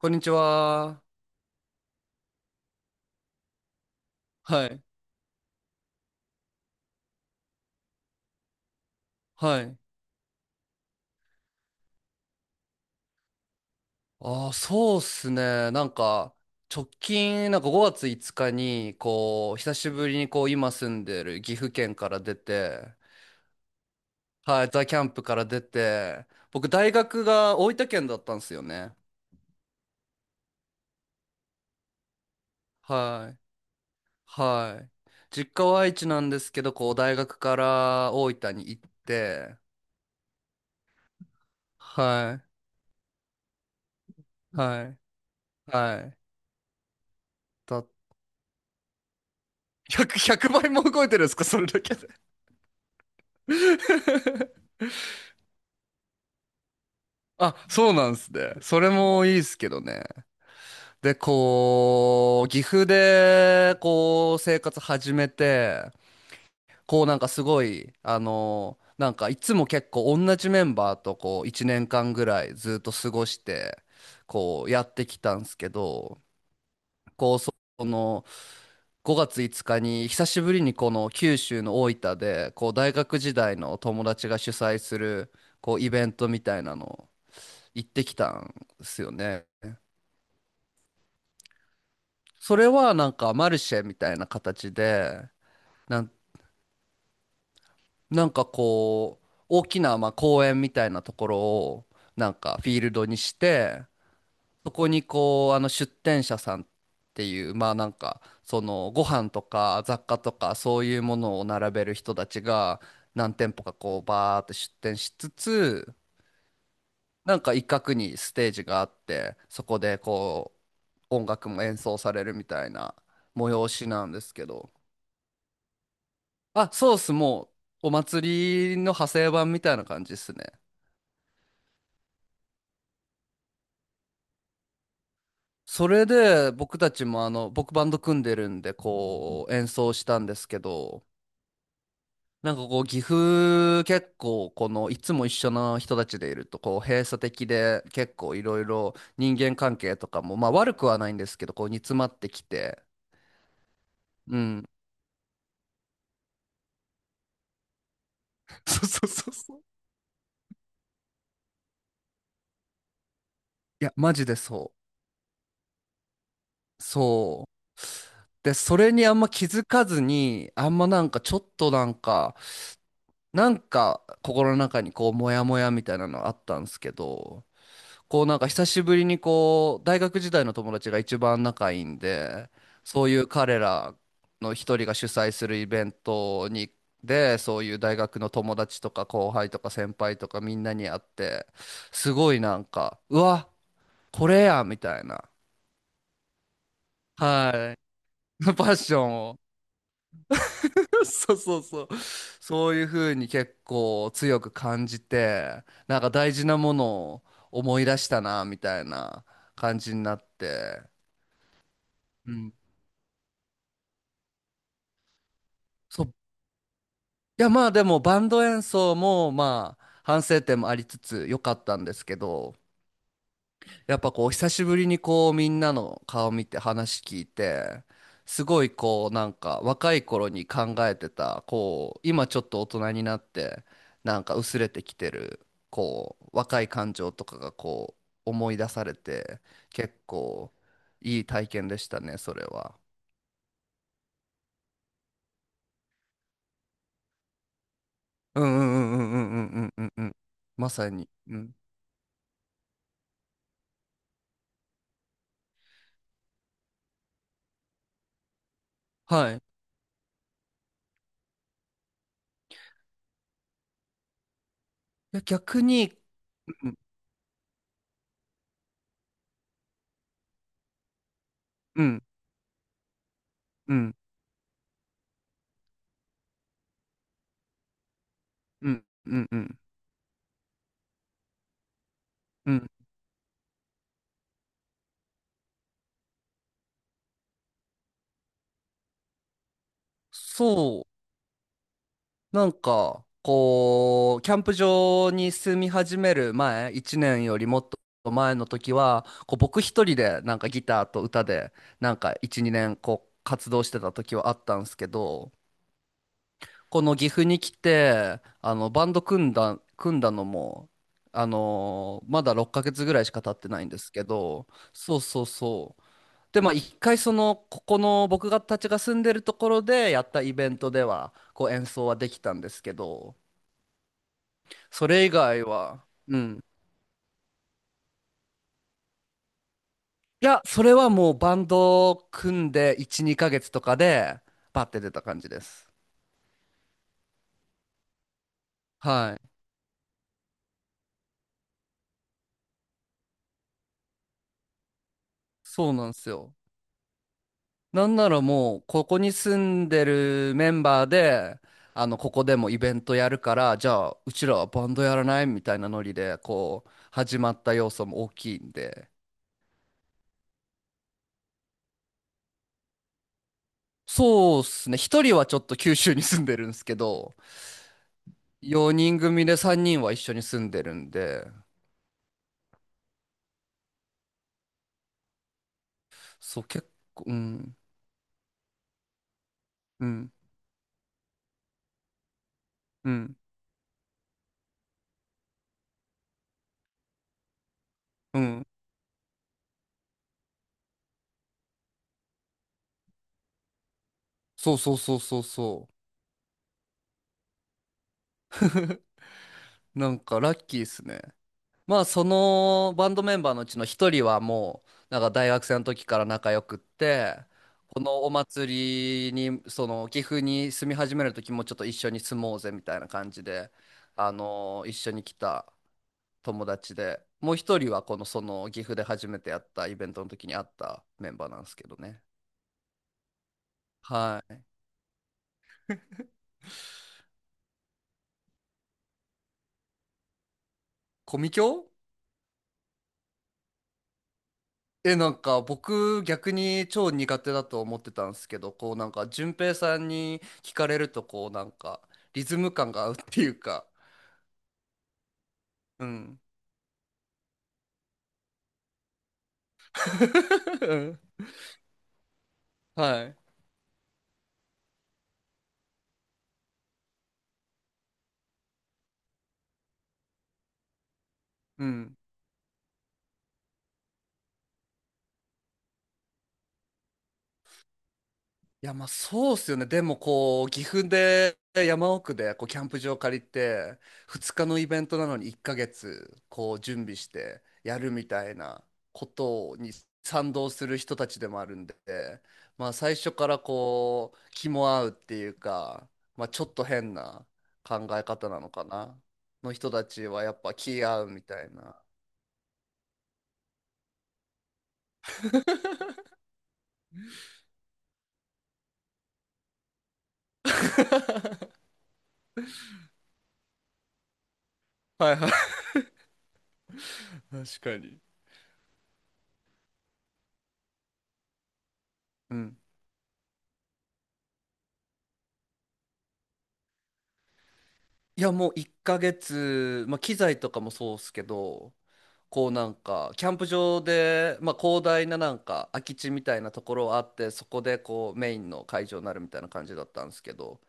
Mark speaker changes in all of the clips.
Speaker 1: こんにちは。はい。はい。ああ、そうっすね。なんか、直近、なんか5月5日に、こう、久しぶりに、こう、今住んでる岐阜県から出て、はい、ザ・キャンプから出て、僕、大学が大分県だったんですよね。はい。はい。実家は愛知なんですけど、こう、大学から大分に行って、はい。はい。はい。だ、100倍も動いてるんですか、それだけで。あ、そうなんすね。それもいいっすけどね。で、こう、岐阜で、こう、生活始めて、こう、なんかすごい、あの、なんかいつも結構同じメンバーと、こう、1年間ぐらいずっと過ごして、こう、やってきたんすけど、こう、5月5日に、久しぶりにこの九州の大分で、こう、大学時代の友達が主催する、こう、イベントみたいなの、行ってきたんですよね。それはなんかマルシェみたいな形で、なん、なんかこう、大きなまあ公園みたいなところをなんかフィールドにして、そこにこう、あの出店者さんっていう、まあなんか、そのご飯とか雑貨とかそういうものを並べる人たちが何店舗かこうバーって出店しつつ、なんか一角にステージがあって、そこでこう、音楽も演奏されるみたいな催しなんですけど。あ、そうっす。もう、お祭りの派生版みたいな感じですね。それで、僕たちもあの、僕バンド組んでるんで、こう、演奏したんですけど、なんかこう、岐阜結構、この、いつも一緒の人たちでいると、こう、閉鎖的で、結構いろいろ人間関係とかも、まあ悪くはないんですけど、こう、煮詰まってきて、うん。そうそうそうそう。いや、マジでそう。そう。で、それにあんま気づかずに、あんまなんかちょっとなんか、なんか心の中にこうモヤモヤみたいなのあったんですけど、こうなんか久しぶりにこう大学時代の友達が一番仲いいんで、そういう彼らの一人が主催するイベントに、で、そういう大学の友達とか後輩とか先輩とかみんなに会って、すごいなんか、うわ、これやみたいな、はい、パッションを。そうそうそう。そういうふうに結構強く感じて、なんか大事なものを思い出したな、みたいな感じになって。うん。そう。いや、まあでもバンド演奏もまあ反省点もありつつ良かったんですけど、やっぱこう久しぶりにこうみんなの顔見て話聞いて、すごいこうなんか若い頃に考えてた、こう今ちょっと大人になってなんか薄れてきてるこう若い感情とかがこう思い出されて、結構いい体験でしたねそれは。うんうんうんうんうんうんうんうんうん、まさに。うん、はい。いや逆に、うんうんうんうんうんうんうんうん、そう、なんか、こう、キャンプ場に住み始める前、1年よりもっと前の時は、こう僕一人でなんかギターと歌で、なんか1、2年こう活動してた時はあったんですけど、この岐阜に来て、あの、バンド組んだ、のも、まだ6ヶ月ぐらいしか経ってないんですけど、そうそうそう。で、まあ一回その、ここの僕がたちが住んでるところでやったイベントでは、こう演奏はできたんですけど、それ以外は、うん。いや、それはもうバンドを組んで1、2ヶ月とかで、バッて出た感じです。はい。そうなんですよ。なんならもう、ここに住んでるメンバーで、あの、ここでもイベントやるから、じゃあ、うちらはバンドやらないみたいなノリで、こう、始まった要素も大きいんで。そうっすね。一人はちょっと九州に住んでるんですけど、4人組で3人は一緒に住んでるんで、そう、結構、うん。うんうん。うん。そうそうそうそうそう。なんかラッキーですね。まあそのバンドメンバーのうちの一人はもうなんか大学生の時から仲良くって、このお祭りにその岐阜に住み始める時もちょっと一緒に住もうぜみたいな感じで、あの一緒に来た友達で、もう一人はこのその岐阜で初めてやったイベントの時に会ったメンバーなんですけどね。はい。コミケ、え、なんか僕逆に超苦手だと思ってたんですけど、こうなんか順平さんに聞かれるとこうなんかリズム感が合うっていうか、うん。うん、はい。うん。いや、まあそうっすよね。でもこう、岐阜で山奥でこうキャンプ場借りて、2日のイベントなのに1ヶ月こう準備してやるみたいなことに賛同する人たちでもあるんで、まあ最初からこう、気も合うっていうか、まあちょっと変な考え方なのかな、の人たちはやっぱ気合うみたいな。はいはい。確かに。うん。いや、もう1ヶ月、まあ、機材とかもそうっすけど、こうなんかキャンプ場で、まあ、広大ななんか空き地みたいなところあって、そこでこうメインの会場になるみたいな感じだったんですけど、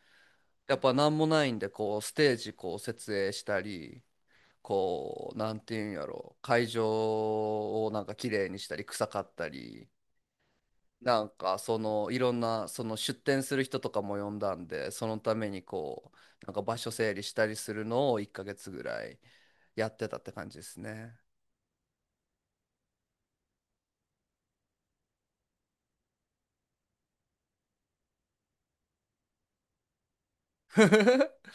Speaker 1: やっぱ何もないんでこうステージこう設営したり、こうなんていうんやろ、会場をなんか綺麗にしたり臭かったり、なんかそのいろんなその出店する人とかも呼んだんで、そのためにこうなんか場所整理したりするのを1ヶ月ぐらいやってたって感じですね。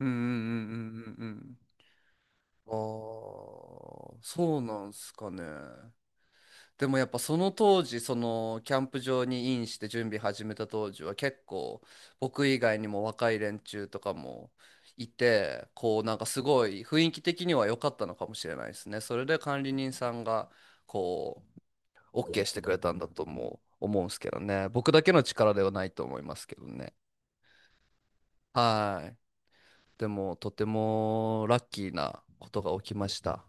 Speaker 1: うんうんうんうんうんうん。ああ、そうなんすかね。でもやっぱその当時、そのキャンプ場にインして準備始めた当時は結構、僕以外にも若い連中とかもいて、こうなんかすごい雰囲気的には良かったのかもしれないですね。それで管理人さんがこう OK してくれたんだとも思うんすけどね。僕だけの力ではないと思いますけどね。はい。でもとてもラッキーなことが起きました。